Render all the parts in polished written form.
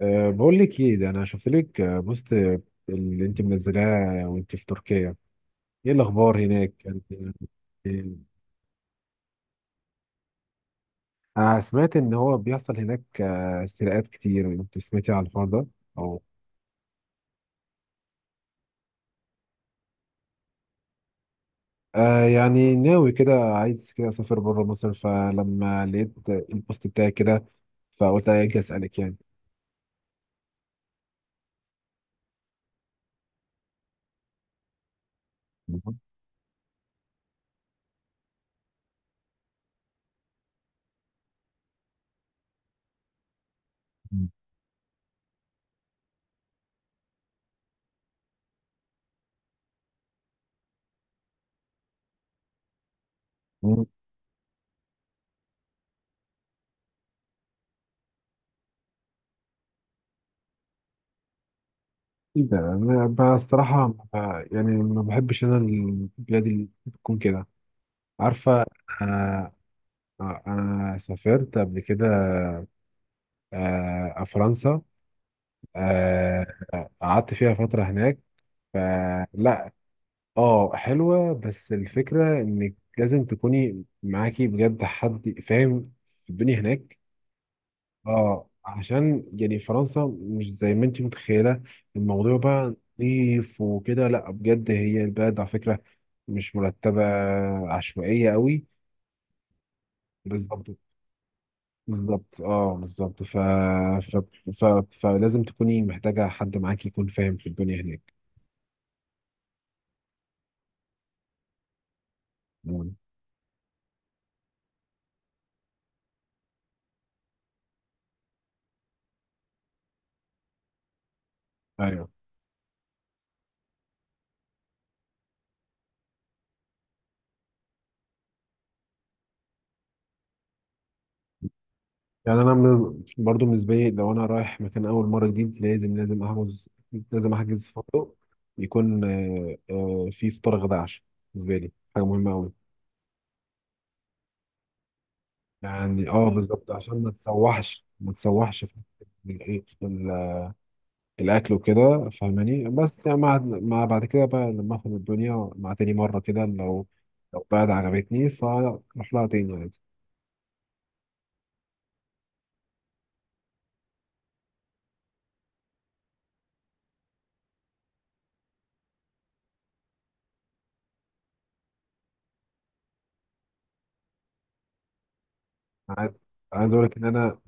بقول لك ايه ده، انا شفت لك بوست اللي انت منزلاه وانت في تركيا. ايه الاخبار هناك؟ انا سمعت ان هو بيحصل هناك سرقات كتير، انت سمعتي عن الحوار ده؟ او، يعني ناوي كده، عايز كده اسافر بره مصر، فلما لقيت البوست بتاعي كده فقلت اجي اسالك يعني. مم. مم. ايه ده، انا بقى الصراحه يعني ما بحبش انا البلاد اللي بتكون كده، عارفه. آه، أنا سافرت قبل كده، فرنسا. آه، قعدت فيها فترة هناك، فلا. اه حلوة، بس الفكرة إنك لازم تكوني معاكي بجد حد فاهم في الدنيا هناك. اه عشان يعني فرنسا مش زي ما انت متخيلة، الموضوع بقى نظيف وكده. لا بجد هي البلد على فكرة مش مرتبة، عشوائية قوي. بالظبط، بالظبط اه بالظبط، ف... ف... فلازم تكوني محتاجة حد معاك يكون فاهم في الدنيا هناك. مم. ايوه، يعني انا برضو بالنسبة لي، لو انا رايح مكان اول مرة جديد لازم لازم احجز لازم احجز فندق، يكون فيه فطار غدا عشاء. بالنسبة لي حاجة مهمة قوي. يعني بالظبط، عشان ما تسوحش ما تسوحش في الاكل وكده، فاهماني. بس يعني مع بعد كده بقى لما افهم الدنيا مع تاني مره كده، لو بعد عجبتني فاروح لها تاني عادي. عايز عايز اقول لك ان انا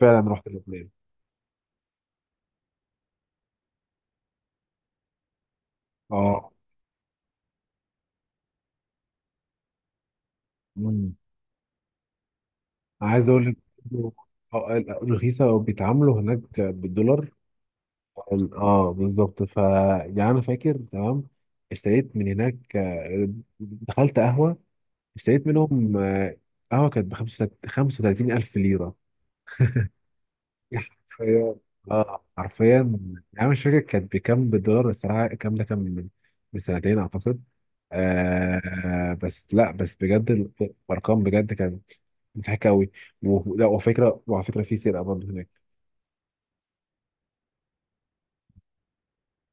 فعلا رحت لبنان. اه. مم. عايز اقول لك إنه- رخيصه وبيتعاملوا هناك بالدولار. اه بالظبط، ف يعني انا فاكر تمام اشتريت من هناك، دخلت قهوه، اشتريت منهم قهوه كانت ب 35 الف ليره حرفيا. اه حرفيا يعني انا مش فاكر كانت بكام بالدولار الصراحه، الكلام ده كان من سنتين اعتقد. بس لا بس بجد، الارقام بجد كانت مضحكه قوي. ولا وفكره، وعلى فكره في سرقه برضه هناك.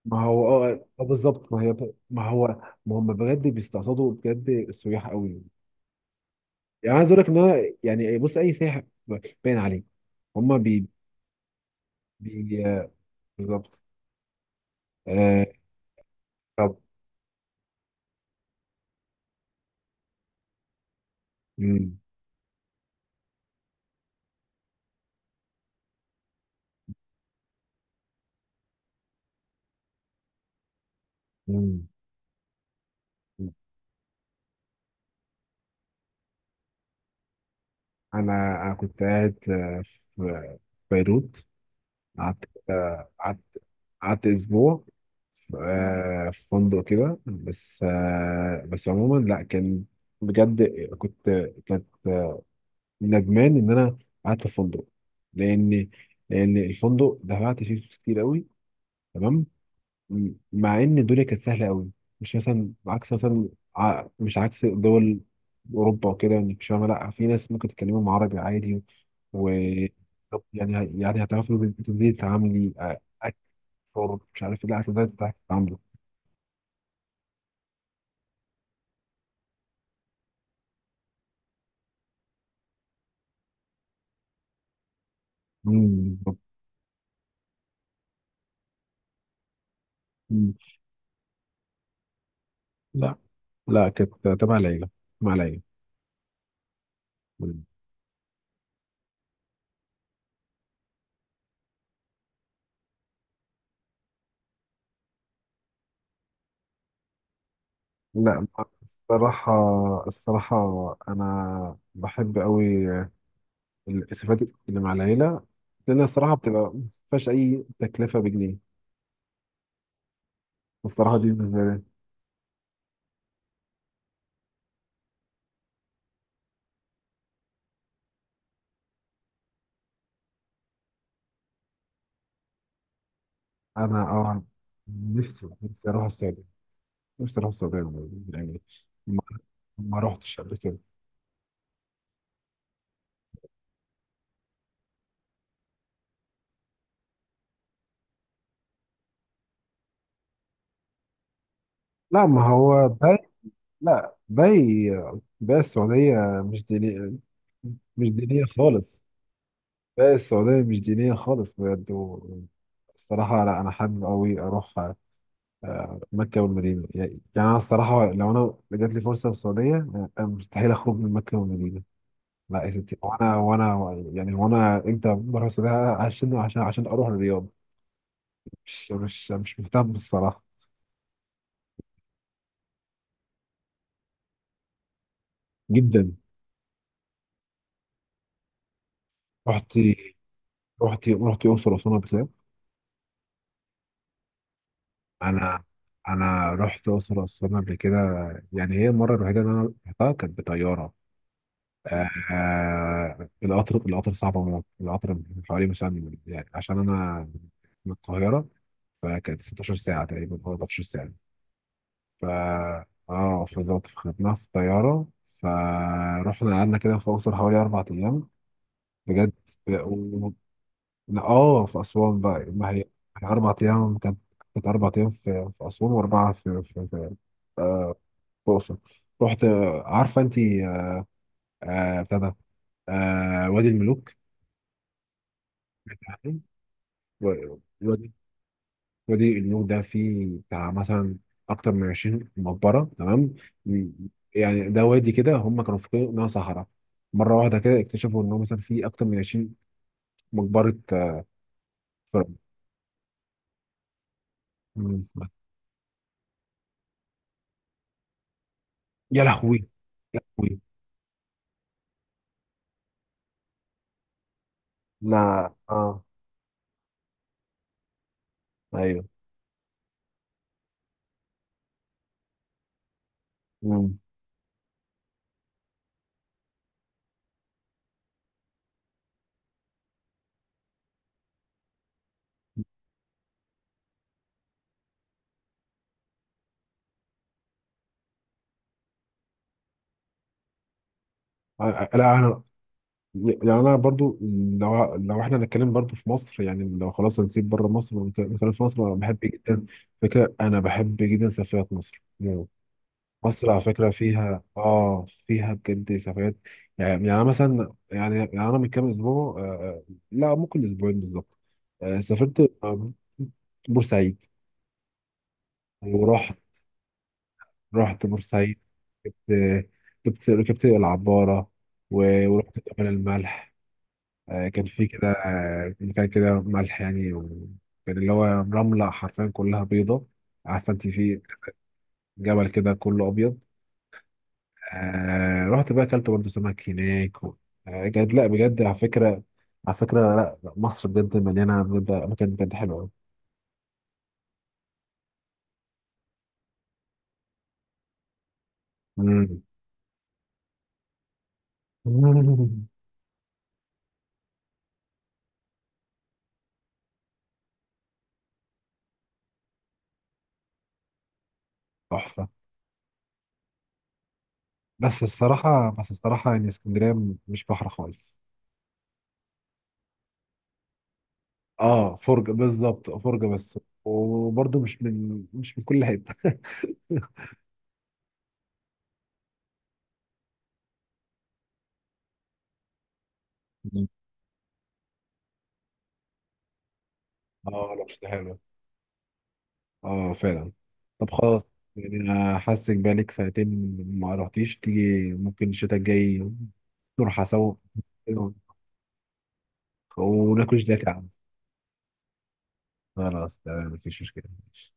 ما هو اه بالظبط ما هي ما هو، ما هم بجد بيستقصدوا بجد السياح قوي. يعني عايز اقول لك ان هو يعني بص، اي سائح باين عليه هم بي بي بالظبط. آه طب. مم. مم. انا كنت قاعد في بيروت. قعدت آه، قعدت قعدت اسبوع في في فندق كده، بس بس عموما لا، كان بجد كنت كانت ندمان ان انا قعدت في فندق، لان لان الفندق دفعت فيه فلوس كتير قوي تمام. مع ان الدنيا كانت سهله قوي، مش مثلا عكس مثلا، مش عكس دول اوروبا وكده انك مش فاهمه، لا في ناس ممكن تتكلمهم عربي عادي. و يعني هتعرفي تبتدي تتعاملي اكثر، مش عارف ايه، لا هتبداي تعرفي تتعاملي. مم، بالظبط. مم. لا، لا كانت تبع ليلى، مع ليلى. مم. لا، الصراحة، الصراحة أنا بحب أوي الإسفات اللي مع العيلة، لأن الصراحة بتبقى ما فيهاش أي تكلفة بجنيه الصراحة دي بالنسبة لي. أنا نفسي، نفسي أروح السعودية، نفسي أروح السعودية، يعني ما ما روحتش قبل كده. لا ما هو باين، لا باي السعودية مش دينية، مش دينية خالص. باي السعودية مش دينية خالص بجد. الصراحة لا، أنا حابب أوي أروح مكة والمدينة، يعني أنا الصراحة لو أنا جات لي فرصة في السعودية، أنا مستحيل أخرج من مكة والمدينة. لا يا ستي، وأنا إمتى بروح السعودية عشان أروح الرياض؟ مش مهتم الصراحة. جدا. رحت رحت الأقصر وأسوان قبل كده. انا انا رحت اقصر واسوان قبل كده. يعني هي المره الوحيده اللي انا رحتها كانت بطياره. القطر صعب موت، القطر من حوالي مثلا يعني عشان انا من القاهره، فكانت 16 ساعه تقريبا او 14 ساعه. ف اه بالظبط، فخدناها في طياره، فرحنا قعدنا كده في الاقصر حوالي 4 ايام بجد. لا اه، في أسوان بقى، ما هي 4 أيام كانت، كانت 4 أيام في أسوان، وأربعة في آه، في الأقصر. رحت عارفة أنت بتاع ده وادي الملوك، سمعت عنه؟ و- وادي وادي الملوك ده فيه بتاع مثلا أكتر من 20 مقبرة تمام. م- يعني ده وادي كده، هم كانوا فاكرين إنها صحراء، مرة واحدة كده اكتشفوا إنه مثلا فيه أكتر من 20 مقبرة، فرعون. مم. يا لهوي، يا لهوي. لا، اه، ايوه. مم. لا انا، يعني انا برضو، لو احنا هنتكلم برضو في مصر، يعني لو خلاص هنسيب بره مصر ونتكلم في مصر، انا بحب جدا فكره، انا بحب جدا سفريات مصر. مم. مصر على فكره فيها فيها بجد سفريات. يعني أنا مثلا يعني انا من كام اسبوع، لا ممكن اسبوعين بالظبط، سافرت بورسعيد. ورحت بورسعيد. جبت جبت ركبت العباره، ورحت جبل الملح. كان في كده مكان كده ملح يعني، وكان اللي هو رملة، حرفيا كلها بيضة، عارفة انت في جبل كده كله أبيض. رحت بقى أكلت برضه سمك هناك بجد، لا بجد على فكرة. على فكرة لا، لا، مصر بجد مليانة بجد أماكن بجد حلوة أوي. مم. تحفة. بس الصراحة يعني اسكندرية، مش بحر خالص. اه فرجة، بالظبط فرجة بس، وبرضه مش من مش من كل حتة. اه لوحتها حلوة. اه فعلا. طب خلاص، يعني انا حاسك بقالك ساعتين، ما رحتيش تيجي ممكن الشتاء الجاي نروح سوا. وناكل جيلاتي يا عم. خلاص تمام، مفيش مشكلة، ماشي.